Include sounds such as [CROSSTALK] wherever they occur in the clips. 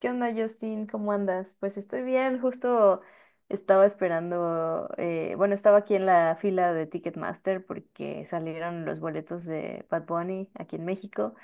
¿Qué onda, Justin? ¿Cómo andas? Pues estoy bien, justo estaba esperando, bueno, estaba aquí en la fila de Ticketmaster porque salieron los boletos de Bad Bunny aquí en México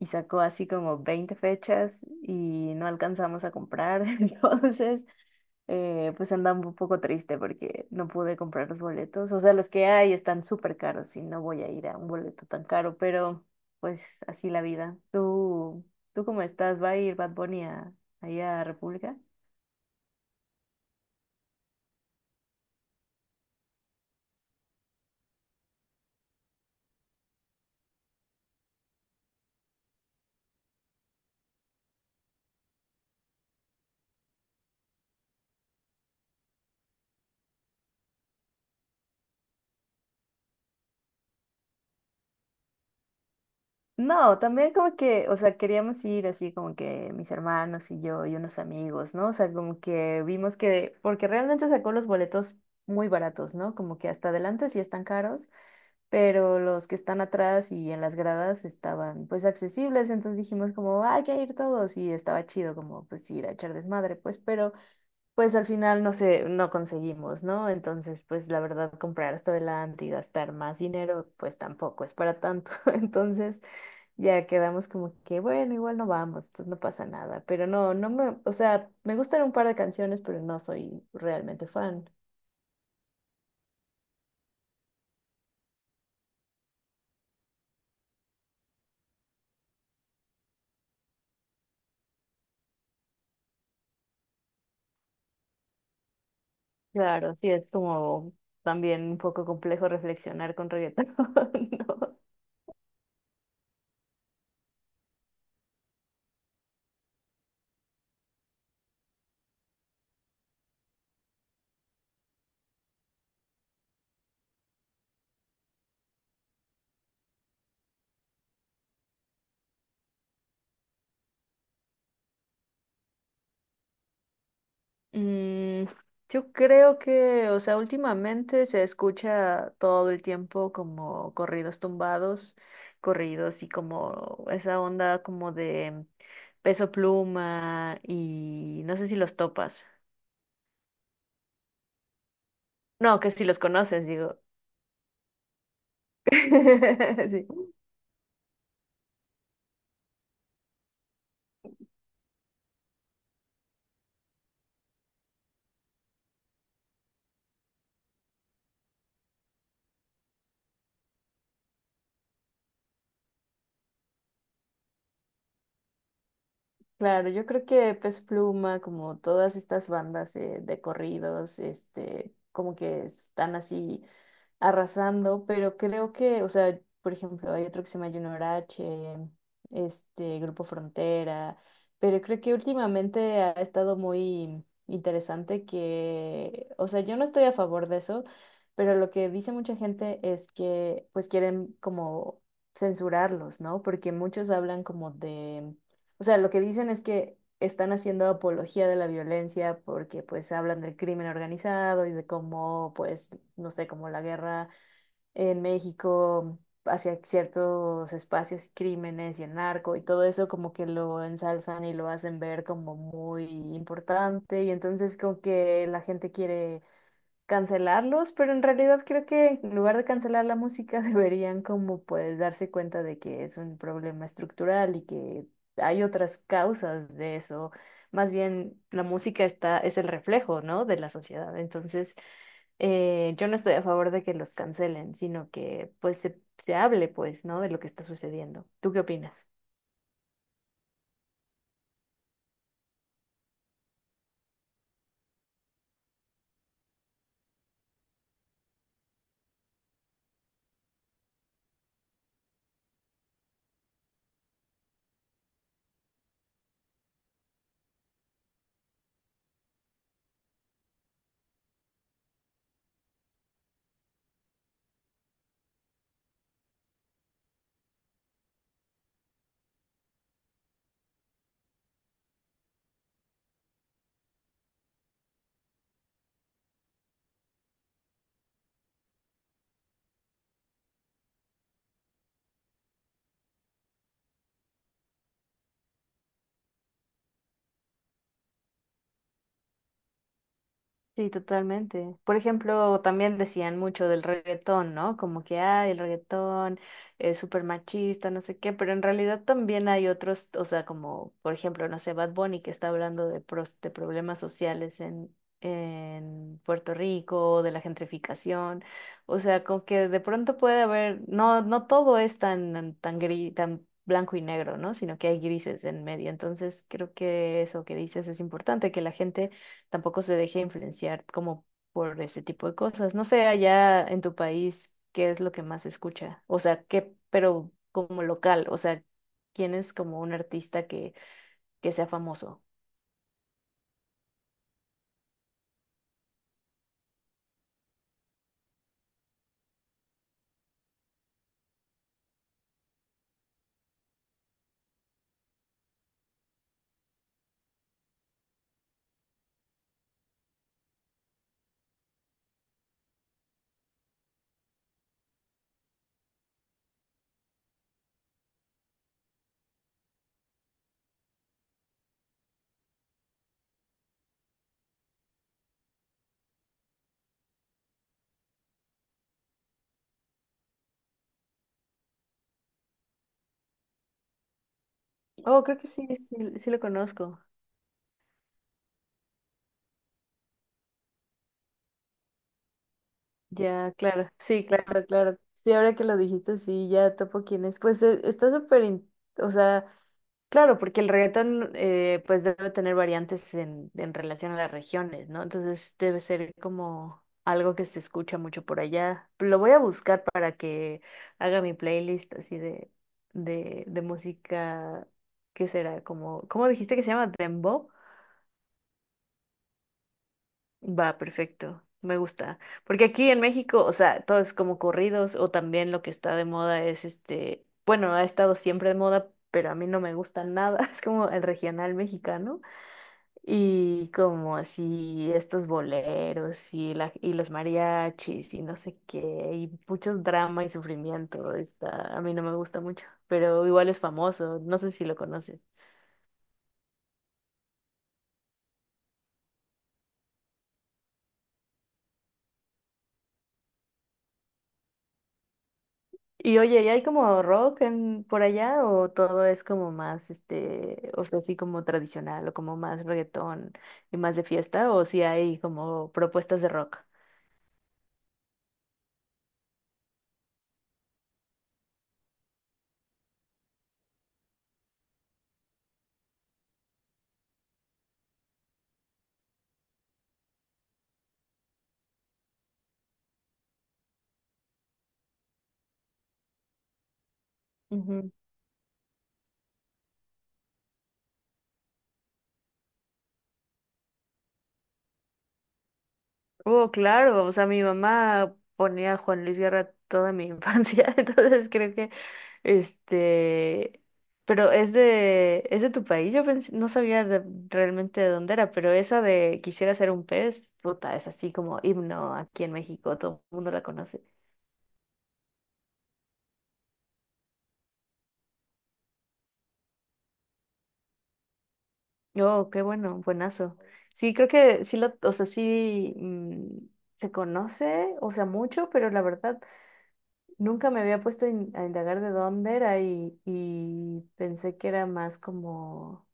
y sacó así como 20 fechas y no alcanzamos a comprar. [LAUGHS] Entonces, pues andaba un poco triste porque no pude comprar los boletos. O sea, los que hay están súper caros y no voy a ir a un boleto tan caro, pero pues así la vida. ¿Tú cómo estás? ¿Va a ir Bad Bunny a, ahí a República? No, también como que, o sea, queríamos ir así como que mis hermanos y yo y unos amigos, ¿no? O sea, como que vimos que, porque realmente sacó los boletos muy baratos, ¿no? Como que hasta adelante sí están caros, pero los que están atrás y en las gradas estaban pues accesibles, entonces dijimos como, "Ah, hay que ir todos y estaba chido como pues ir a echar desmadre, pues, pero pues al final no sé, no conseguimos, ¿no? Entonces pues la verdad comprar hasta adelante y gastar más dinero pues tampoco es para tanto, [LAUGHS] entonces... Ya quedamos como que, bueno, igual no vamos, entonces no pasa nada. Pero no, no me, o sea, me gustan un par de canciones, pero no soy realmente fan. Claro, sí, es como también un poco complejo reflexionar con reggaetón, [LAUGHS] ¿no? Mm, yo creo que, o sea, últimamente se escucha todo el tiempo como corridos tumbados, corridos y como esa onda como de Peso Pluma y no sé si los topas. No, que si los conoces, digo. [LAUGHS] Sí. Claro, yo creo que Pez Pluma, como todas estas bandas de corridos, este, como que están así arrasando, pero creo que, o sea, por ejemplo, hay otro que se llama Junior H, este, Grupo Frontera, pero creo que últimamente ha estado muy interesante que, o sea, yo no estoy a favor de eso, pero lo que dice mucha gente es que pues quieren como censurarlos, ¿no? Porque muchos hablan como de o sea, lo que dicen es que están haciendo apología de la violencia porque pues hablan del crimen organizado y de cómo pues, no sé, como la guerra en México hacia ciertos espacios, crímenes y el narco y todo eso como que lo ensalzan y lo hacen ver como muy importante y entonces como que la gente quiere cancelarlos, pero en realidad creo que en lugar de cancelar la música [LAUGHS] deberían como pues darse cuenta de que es un problema estructural y que hay otras causas de eso. Más bien la música está, es el reflejo, ¿no? de la sociedad. Entonces, yo no estoy a favor de que los cancelen, sino que pues se hable pues, ¿no? de lo que está sucediendo. ¿Tú qué opinas? Sí, totalmente. Por ejemplo, también decían mucho del reggaetón, ¿no? Como que, ay, el reggaetón es súper machista, no sé qué, pero en realidad también hay otros, o sea, como, por ejemplo, no sé, Bad Bunny que está hablando de, de problemas sociales en Puerto Rico, de la gentrificación, o sea, como que de pronto puede haber, no, no todo es tan gris, tan blanco y negro, ¿no? Sino que hay grises en medio. Entonces, creo que eso que dices es importante, que la gente tampoco se deje influenciar como por ese tipo de cosas. No sé, allá en tu país, ¿qué es lo que más se escucha? O sea, ¿qué, pero como local? O sea, ¿quién es como un artista que sea famoso? Oh, creo que sí, sí, sí lo conozco. Ya, claro, sí, claro, claro. Sí, ahora que lo dijiste, sí, ya topo quién es. Pues está súper, o sea, claro, porque el reggaetón pues debe tener variantes en relación a las regiones, ¿no? Entonces debe ser como algo que se escucha mucho por allá. Lo voy a buscar para que haga mi playlist así de, de música, ¿qué será? Como, ¿cómo dijiste que se llama? ¿Dembow? Va, perfecto, me gusta. Porque aquí en México, o sea, todo es como corridos o también lo que está de moda es este, bueno, ha estado siempre de moda, pero a mí no me gusta nada, [LAUGHS] es como el regional mexicano. Y como así estos boleros y los mariachis y no sé qué, y muchos drama y sufrimiento, está, a mí no me gusta mucho, pero igual es famoso, no sé si lo conoces. Y oye, ¿y hay como rock en, por allá o todo es como más, este, o sea, así como tradicional o como más reggaetón y más de fiesta o si hay como propuestas de rock? Oh, claro, o sea, mi mamá ponía a Juan Luis Guerra toda mi infancia, [LAUGHS] entonces creo que, este, pero es de tu país, yo pensé no sabía realmente de dónde era, pero esa de Quisiera ser un pez, puta, es así como himno aquí en México, todo el mundo la conoce. Oh, qué bueno, buenazo. Sí, creo que sí, lo, o sea, sí se conoce, o sea, mucho, pero la verdad... Nunca me había puesto a indagar de dónde era y pensé que era más como,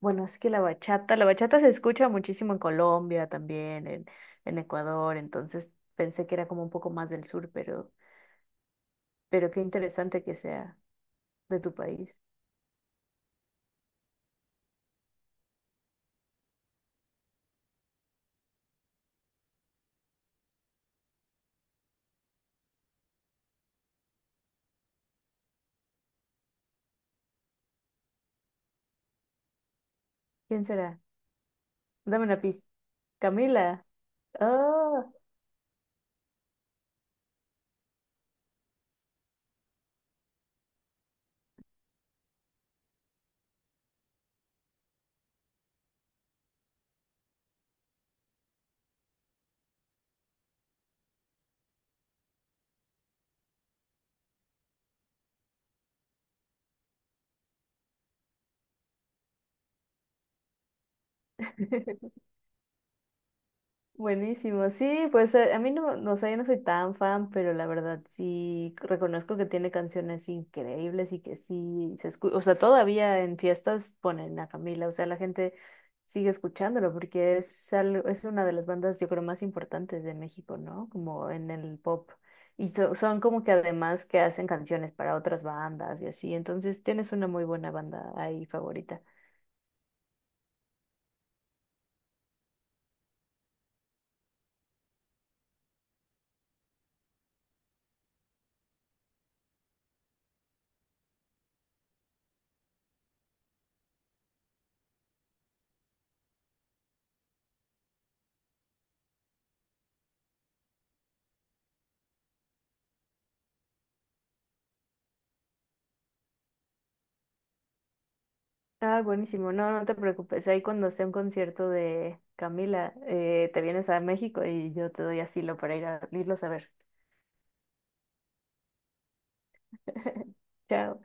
bueno, es que la bachata se escucha muchísimo en Colombia también, en Ecuador, entonces pensé que era como un poco más del sur, pero, qué interesante que sea de tu país. ¿Quién será? Dame una pista. Camila. Oh. [LAUGHS] Buenísimo, sí, pues a mí no, no sé, yo no soy tan fan, pero la verdad sí reconozco que tiene canciones increíbles y que sí se escucha, o sea, todavía en fiestas ponen a Camila, o sea, la gente sigue escuchándolo porque es algo, es una de las bandas yo creo más importantes de México, ¿no? Como en el pop. Y son como que además que hacen canciones para otras bandas y así, entonces tienes una muy buena banda ahí favorita. Ah, buenísimo. No, no te preocupes. Ahí cuando sea un concierto de Camila, te vienes a México y yo te doy asilo para ir a irlos a ver. [LAUGHS] Chao.